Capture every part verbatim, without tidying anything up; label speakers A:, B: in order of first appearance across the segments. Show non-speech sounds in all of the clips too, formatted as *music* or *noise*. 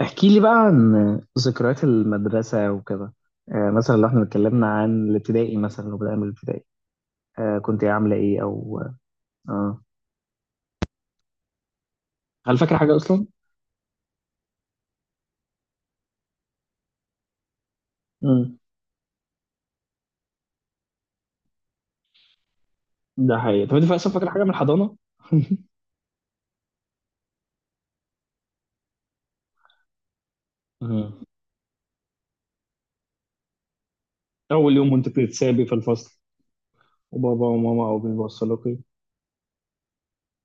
A: احكي لي بقى عن ذكريات المدرسة وكده. آه، مثلا لو احنا اتكلمنا عن الابتدائي، مثلا لو بدأنا من الابتدائي. آه، كنت إيه، عاملة ايه او اه. هل فاكر حاجة أصلا؟ مم. ده حقيقي. طب أنت أصلا فاكر حاجة من الحضانة؟ مم. أول يوم وأنت بتتسابي في الفصل وبابا وماما أو بيوصلوكي.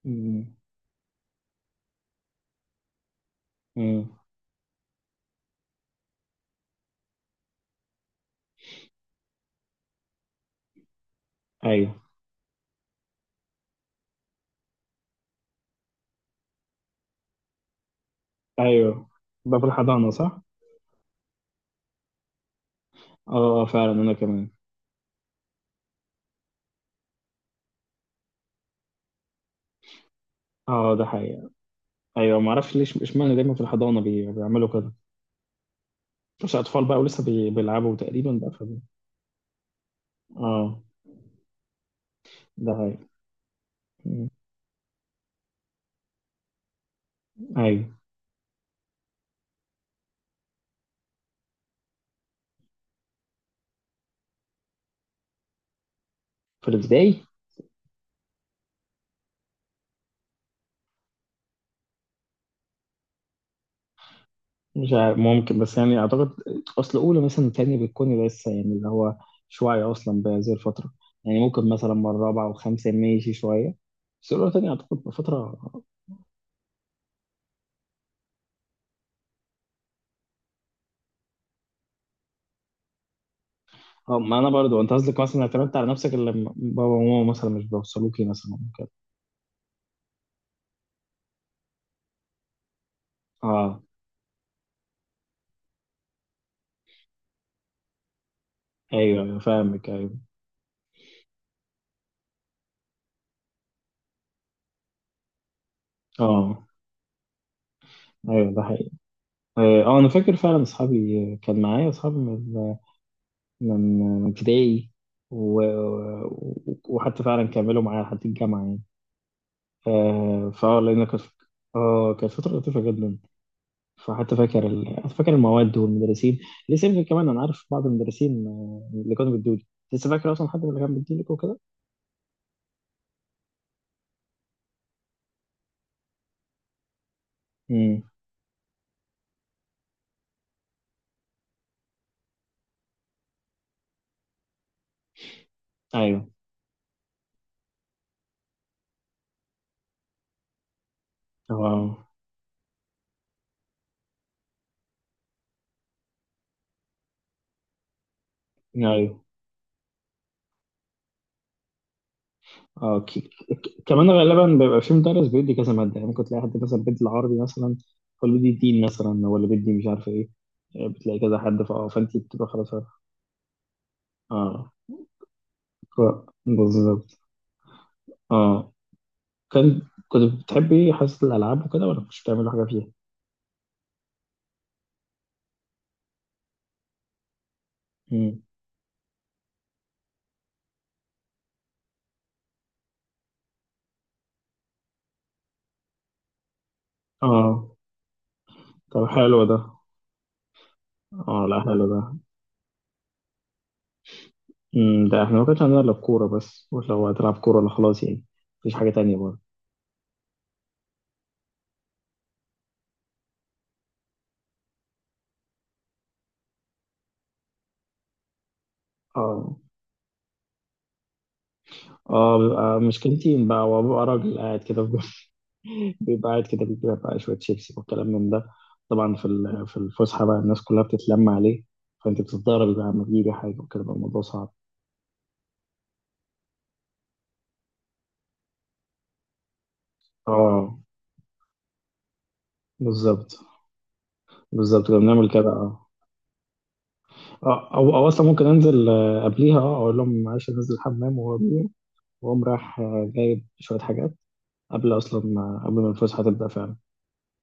A: أمم. مم. أيوه، أيوه. ده في الحضانة صح؟ أه، فعلا أنا كمان. أه، ده حقيقي. أيوه، معرفش ليش إشمعنى دايما في الحضانة بي- بيعملوا كده. بس أطفال بقى ولسه بي- بيلعبوا تقريبا بقى. اه، ده هي. مم. ايوه. في الابتدائي. مش عارف، ممكن، بس يعني اعتقد اصل اولى مثلا تانية بتكون لسه، يعني اللي هو مش واعي اصلا بهذه الفتره. يعني ممكن مثلا من رابعه وخمسه ماشي شويه، بس اولى تانية اعتقد بفتره اه آه، ما انا برضو انت قصدك مثلا اعتمدت على نفسك، اللي لما بابا وماما مثلا مش بيوصلوكي مثلا كده. اه، ايوه، ايوه، فاهمك، ايوه. اه، ايوه، ده حقيقي. اه آه، انا فاكر فعلا، اصحابي كان معايا اصحابي من من ابتدائي، و... و- وحتى فعلا كملوا معايا لحد الجامعة يعني. آه، فاه لأن كانت، اه، كانت فترة لطيفة جدا. فحتى فاكر ال... فاكر المواد والمدرسين. لسه يمكن كمان أنا عارف بعض المدرسين، آه، اللي كانوا بيدولي. لسه فاكر أصلا حد من اللي كان بيديلك وكده؟ امم. أيوه. اه، أيوه. اه، ك... ك... كمان غالبا بيبقى في مدرس بيدي كذا مادة، يعني ممكن تلاقي حد مثلا بيدي العربي مثلا، هو اللي بيدي الدين، مثلا هو اللي بيدي مش عارف ايه. آه، بتلاقي كذا حد، فاه فانت بتبقى خلاص. اه، ك- بالظبط. اه كان كنت بتحبي حصة الألعاب وكده ولا مش بتعملي حاجة فيها؟ مم. اه، طب حلو ده. اه، لا حلو ده. مم. ده احنا ما كانش عندنا إلا الكورة بس، ولو هتلعب كورة لا خلاص يعني، مفيش حاجة تانية برضه. اه اه بيبقى مشكلتين بقى وببقى راجل قاعد كده في جنب. *laughs* بيبقى قاعد كده بيجيب بقى شوية شيبسي والكلام من ده. طبعا في ال- في الفسحة بقى الناس كلها بتتلم عليه، فأنت بتتضارب بقى لما بيجي حاجة وكده، بقى الموضوع صعب. اه، بالظبط. بالظبط كنا بنعمل كده اه آه، او او اصلا ممكن انزل، آه، قبليها، اه اقول لهم معلش انزل الحمام وهو بيه، واقوم رايح، آه، جايب شويه حاجات قبل اصلا آه، قبل ما الفسحه تبدا فعلا.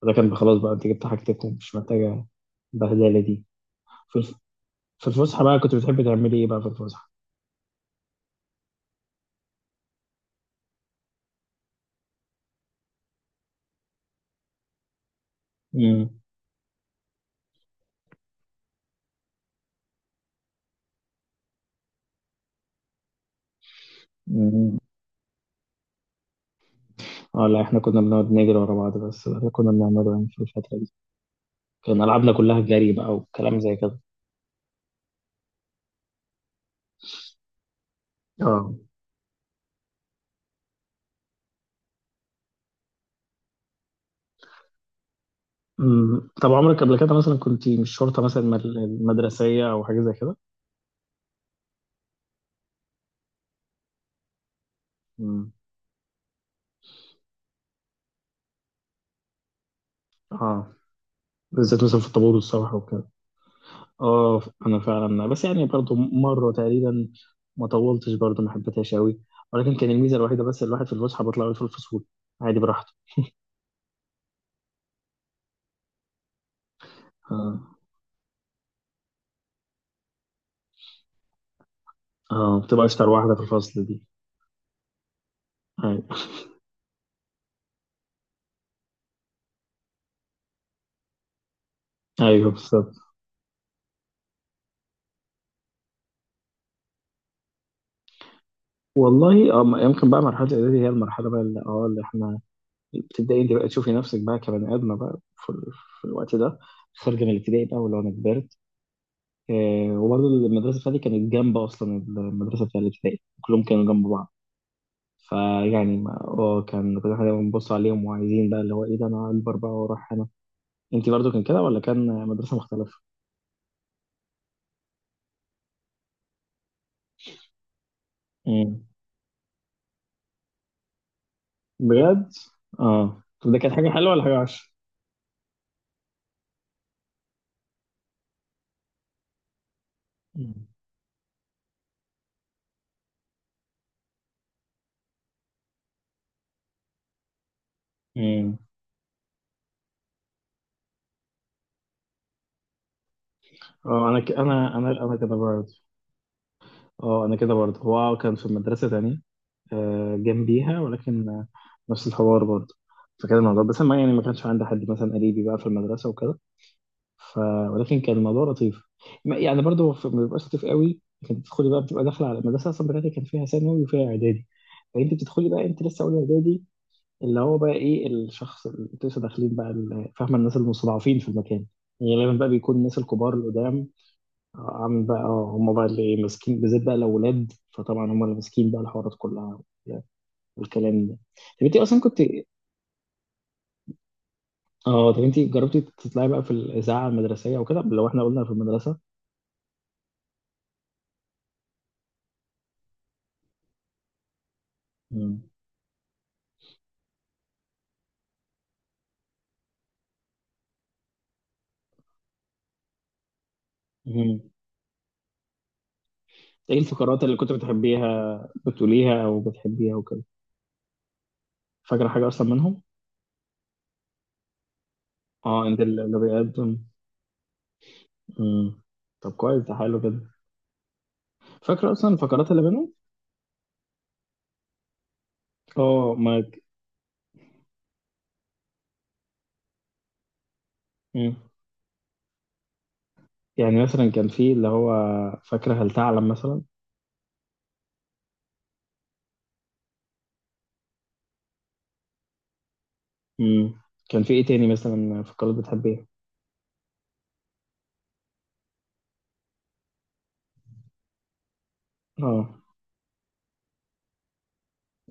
A: ده كان خلاص بقى انت جبت حاجتكم، مش محتاجه البهدله دي. في الف- في الفسحه بقى كنت بتحبي تعملي ايه بقى في الفسحه؟ امم. أمم. اه، لا احنا كنا بنقعد نجري ورا بعض، بس ده اللي كنا بنعمله يعني في الفتره دي، كان العابنا كلها جري بقى وكلام زي كده. اه. مم. طب عمرك قبل كده مثلا كنت مش شرطة مثلا مل- مدرسية أو حاجة زي كده؟ مم. اه، بالذات مثلا في الطابور والصبح وكده. اه، أنا فعلا، بس يعني برضو مرة تقريبا، ما طولتش برضو، ما حبيتهاش أوي، ولكن كان الميزة الوحيدة بس، الواحد في الفسحة بيطلع في الفصول عادي براحته. اه اه بتبقى أشطر واحدة في الفصل دي. أيوه. أيوه، بالظبط. والله، آه، يمكن بقى مرحلة الإعدادي هي المرحلة بقى اللي اه اللي إحنا الابتدائي، انت بقى تشوفي نفسك بقى كبني ادمه بقى في, في الوقت ده، خارجه من الابتدائي بقى، ولو انا كبرت. آه، وبرضه المدرسه بتاعتي كانت جنب اصلا المدرسه بتاع الابتدائي، كلهم كانوا جنب بعض. فيعني ما اه كان كل حاجه بنبص عليهم وعايزين بقى اللي هو ايه ده، انا اكبر بقى واروح هنا. انت برضه كان كده ولا كان مدرسه مختلفه؟ امم. بجد؟ اه، طب ده كانت حاجه حلوه ولا حاجه وحشه؟ مم. مم. اه انا ك... انا انا انا كده برضه. اه، انا كده برضه. هو كان في مدرسه تانية، آه، جنبيها، ولكن آه، نفس الحوار برضه. فكان الموضوع، بس ما يعني، ما كانش عندي حد مثلا قريبي بقى في المدرسة وكده. ف... ولكن كان الموضوع لطيف. ما- يعني برضه، في- ما بيبقاش لطيف قوي. كانت بتدخلي بقى، بتبقى داخلة على المدرسة أصلا بتاعتي، كان فيها ثانوي وفيها إعدادي، فأنت بتدخلي بقى أنت لسه أولى إعدادي، اللي هو بقى إيه الشخص اللي أنتوا لسه داخلين بقى، ال- فاهمة، الناس المستضعفين في المكان، يعني غالبا بقى بيكون الناس الكبار القدام، آه، عامل بقى، آه، هم بقى اللي ماسكين، بالذات بقى الأولاد، فطبعا هم اللي ماسكين بقى الحوارات كلها والكلام ده. طب انت اصلا كنت اه طب انت جربتي تطلعي بقى في الاذاعه المدرسيه وكده، لو احنا قلنا في المدرسه؟ مم. مم. ايه الفقرات اللي كنت بتحبيها، بتقوليها او بتحبيها وكده؟ فاكره حاجه اصلا منهم؟ اه، انت اللي اللي بيقدم. مم. طب كويس، ده حلو كده. فاكره اصلا الفقرات اللي بينهم؟ اه ما مم. يعني مثلا كان في اللي هو فاكره هل تعلم مثلا. مم. كان في ايه تاني مثلا فقرات بتحبيها؟ اه،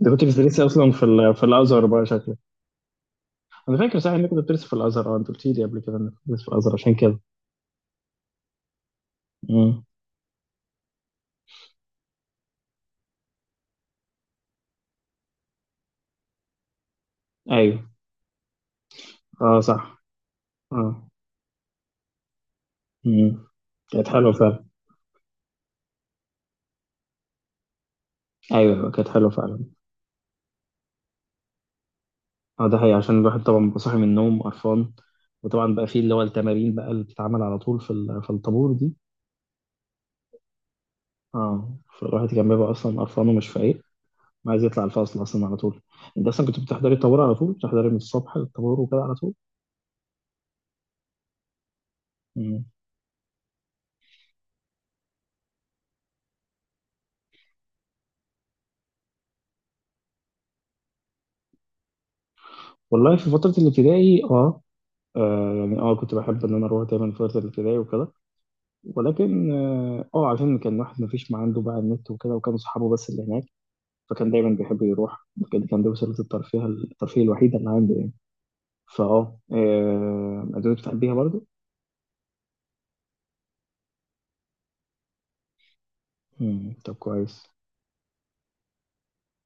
A: ده كنت بتدرسي اصلا في ال- في الازهر بقى شكلك. انا فاكر صح انك كنت بتدرس في الازهر، اه انت قلت لي قبل كده انك كنت بتدرس في الازهر عشان كده. امم. ايوه. اه، صح. اه. امم. كانت حلوه فعلا. ايوه، كانت حلوه فعلا. اه، ده حقيقي عشان الواحد طبعا بيبقى صاحي من النوم قرفان، وطبعا بقى فيه اللي هو التمارين بقى اللي بتتعمل على طول في ال- في الطابور دي. اه، فالواحد كان بيبقى اصلا قرفان ومش فايق، ما عايز يطلع الفصل اصلا على طول. انت اصلا كنت بتحضري الطابور على طول، بتحضري من الصبح للطابور وكده على طول؟ امم. والله في فتره الابتدائي اه آه، يعني اه كنت بحب ان انا اروح دايما فتره الابتدائي وكده. ولكن اه آه، عشان كان واحد ما فيش، ما عنده بقى النت وكده، وكانوا صحابه بس اللي هناك، فكان دايما بيحب يروح كده. كان دي وسيله الترفيه الترفيه الوحيده اللي عنده يعني. فاه آه، ادوات بتحبيها برضو. مم، طب كويس.